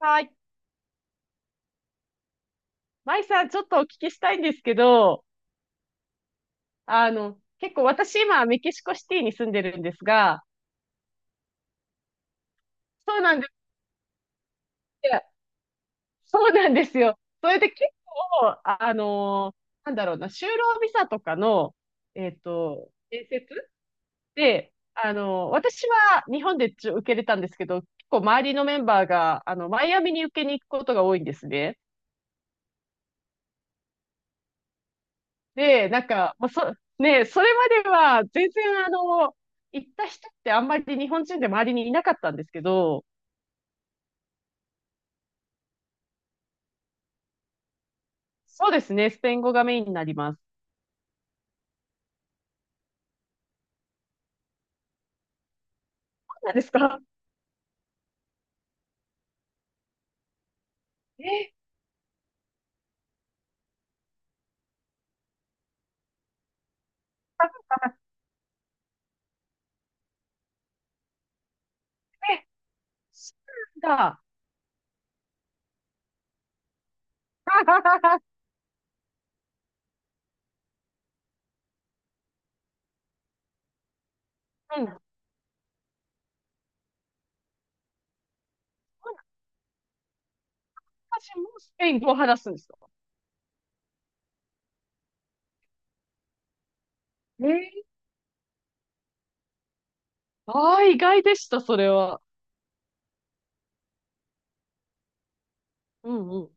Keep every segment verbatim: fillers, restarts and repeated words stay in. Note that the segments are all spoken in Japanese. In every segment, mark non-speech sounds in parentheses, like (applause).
はい。舞さん、ちょっとお聞きしたいんですけど、あの、結構私今、メキシコシティに住んでるんですが、そうなんです。や、そうなんですよ。それで結構、ああのなんだろうな、就労ビザとかの、えっと、面接で、あの私は日本でちょ受けれたんですけど、結構周りのメンバーが、あの、マイアミに受けに行くことが多いんですね。で、なんか、まあ、そ、ね、それまでは全然あの、行った人ってあんまり日本人で周りにいなかったんですけど、そうですね、スペイン語がメインになります。そうなんですか？え、え、そうなんだ。(laughs) うん、私もスペイン語を話すんですか？えー、ああ、意外でした、それは。うんうん。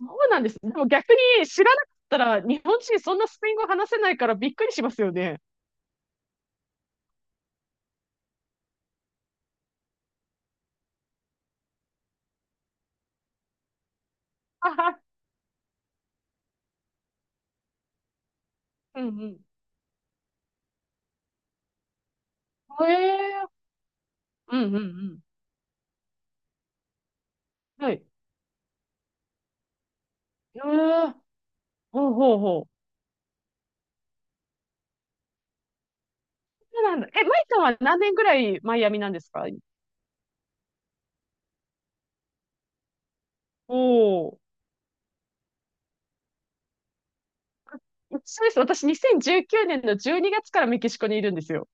そうなんです。でも逆に知らなかったら、日本人そんなスペイン語話せないからびっくりしますよね。あは、うんうん。えー、うんうんうん。はい。えー、ほうほうほう。そうなんだ。え、マイさんは何年ぐらいマイアミなんですか？おお、ー、そうです。私、にせんじゅうきゅうねんのじゅうにがつからメキシコにいるんですよ。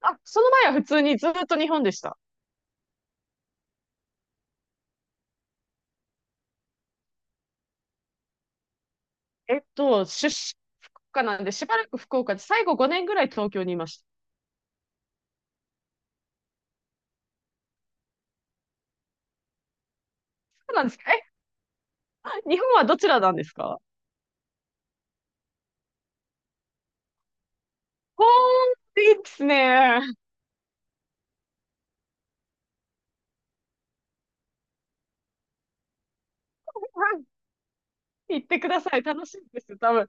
あ、その前は普通にずっと日本でした。えっと、出身国家なんで、しばらく福岡で、最後ごねんぐらい東京にいました。そうなんですか。え、日本はどちらなんですか？ほーん、いいですね。(laughs) 行ってください。楽しいですよ、多分。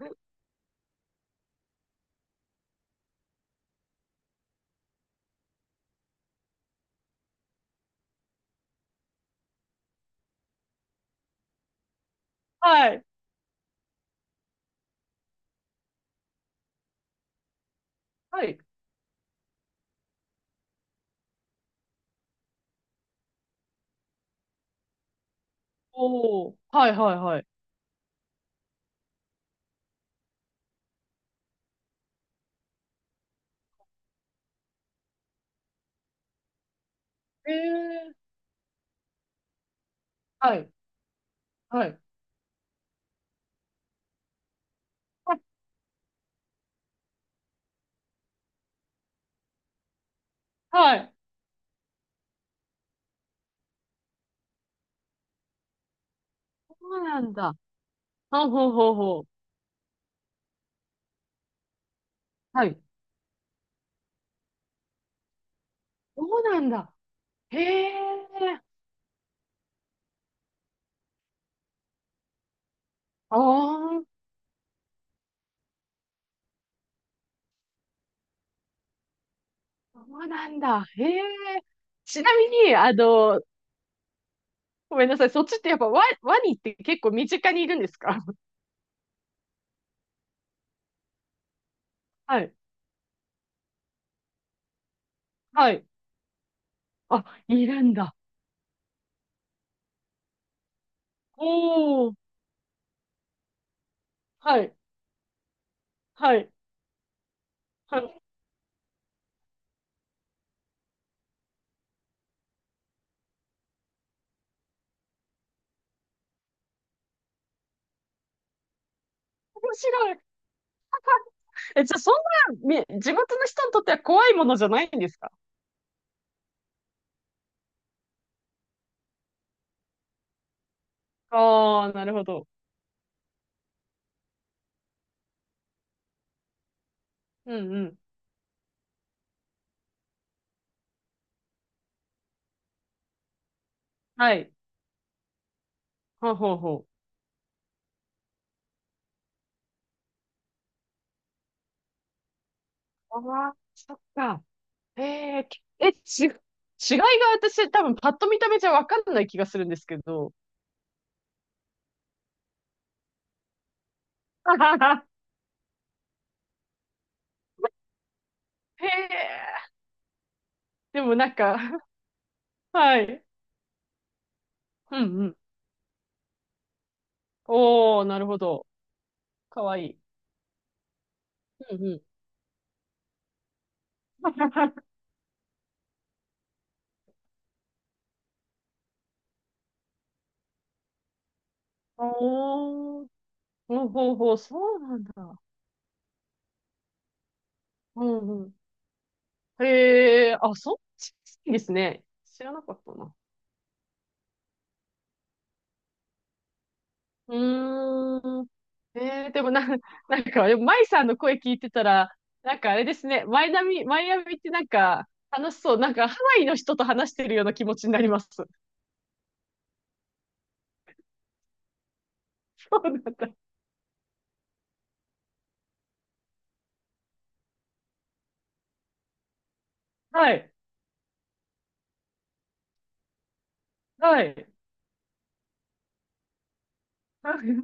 はい。はい。おー、はいはいはい。えー、はい、はい。はい。そうなんだ。ほうほうほうほう。はい。そうなんだ。へえ。ああ、そうなんだ。へえ。ちなみに、あの、ごめんなさい。そっちってやっぱワ、ワニって結構身近にいるんですか？ (laughs) はい。はい。あ、いるんだ。おお。はい。はい。はい。面白い。え、じゃあそんな、み、地元の人にとっては怖いものじゃないんですか？ああー、なるほど。うんうん。はい。ほうほうほう。ああ、そっか。えー、え、ち、違いが私多分パッと見た目じゃわかんない気がするんですけど。(laughs) へえ、でもなんか、(laughs) はい。うんうん。おー、なるほど。かわいい。うんうん。おー、ほうほうほう、そうなんだ。うんうん。へえ、あ、そう、好きですね。知らなかったな。うーん。えー、でもな、(laughs) なんか、でも舞さんの声聞いてたら、なんかあれですね、マイナミ、マイアミってなんか、楽しそう。なんか、ハワイの人と話してるような気持ちになります。(laughs) そうなんだ。はい。はい。はい。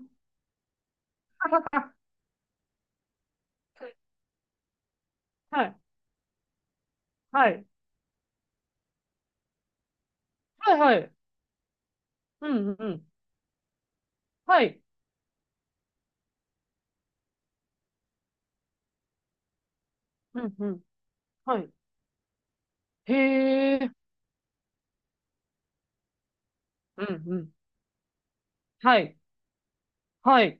はい。はい。はい。はい。うん。うん。はい。うん。うん。はい。へえ。うん。うん。はい。はい。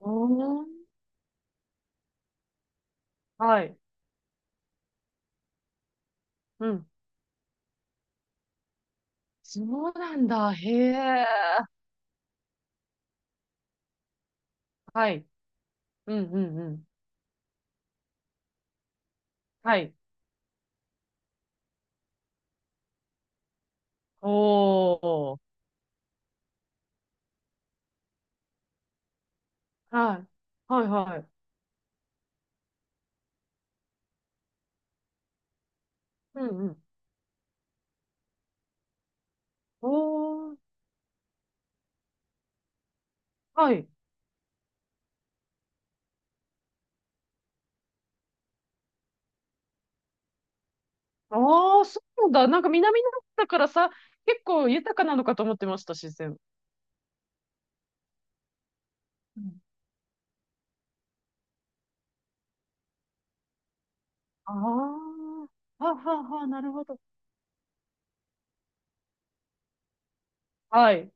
おー。はい。うん。そうなんだ。へえ。はい。うん。うん。うん。はい。おー。はい。はいはい。うんうん。おー。はい。ああ、そうなんだ。なんか南の方だからさ、結構豊かなのかと思ってました、自然。うん、ああ、はあはあはあ、なるほど。はい。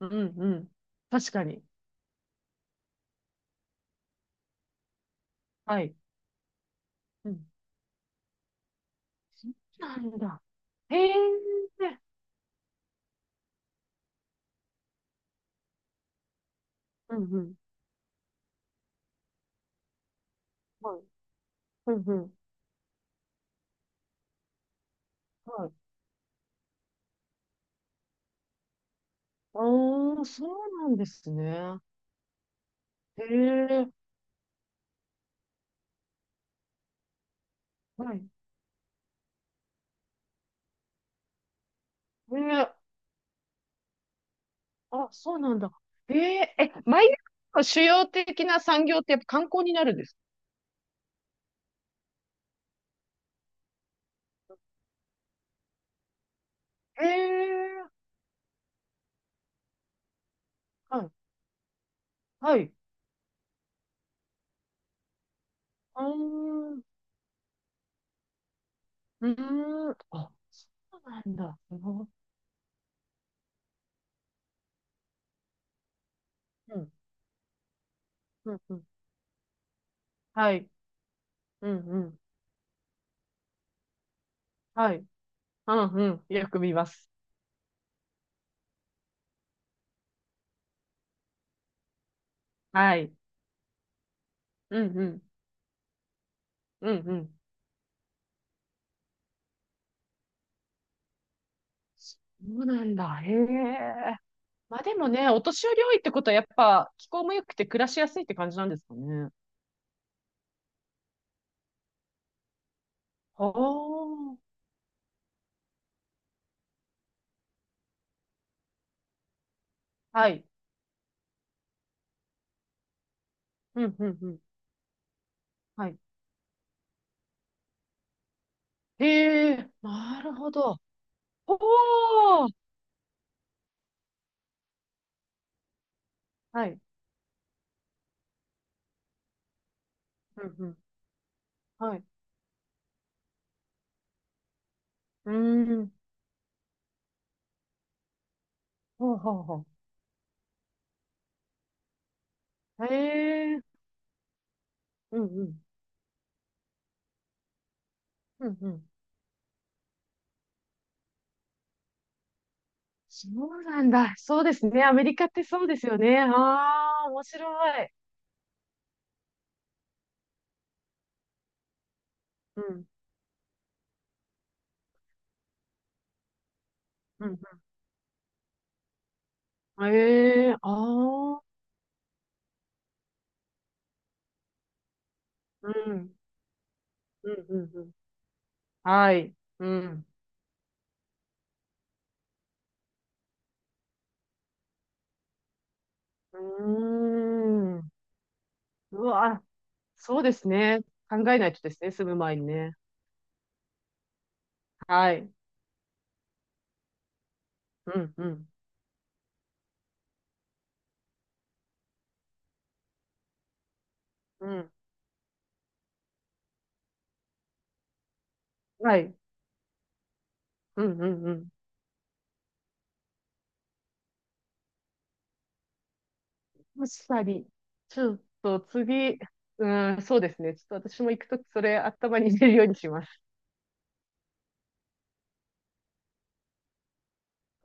うんうん。確かに。はい。うん。そうなんだ。へえ。うんうん。はい。うんうん。はい。ああ、そうなんですね。へえ。はい。へえ。あ、そうなんだ。えええ、マイアミの主要的な産業ってやっぱ観光になるんですか？ええー、はい、はい。うーん、うーん、あ、そうなんだ。すごい、うん、うん、うん。はい、うん、うん、はい、うん、うん。よく見ます。はい、うん、うん、うん、うん。そうなんだ。へえ。まあでもね、お年寄り多いってことはやっぱ気候も良くて暮らしやすいって感じなんですかね。おー。はい。うん、うん、うん。はい、へえ、なるほど。ほう。はい。うんうん。はい。うーん。ほうほうほう。へえ。うんうん。うんうん。そうなんだ。そうですね。アメリカってそうですよね。ああ、面白い。うん。うんうん。へえ。ああ。うん。うんうんうん。はい。うん。うーん。うわ、そうですね。考えないとですね。住む前にね。はい。うんうん。うん。はい。うんうんうん、確かに。ちょっと次、うん、そうですね。ちょっと私も行くときそれ頭に入れるようにします。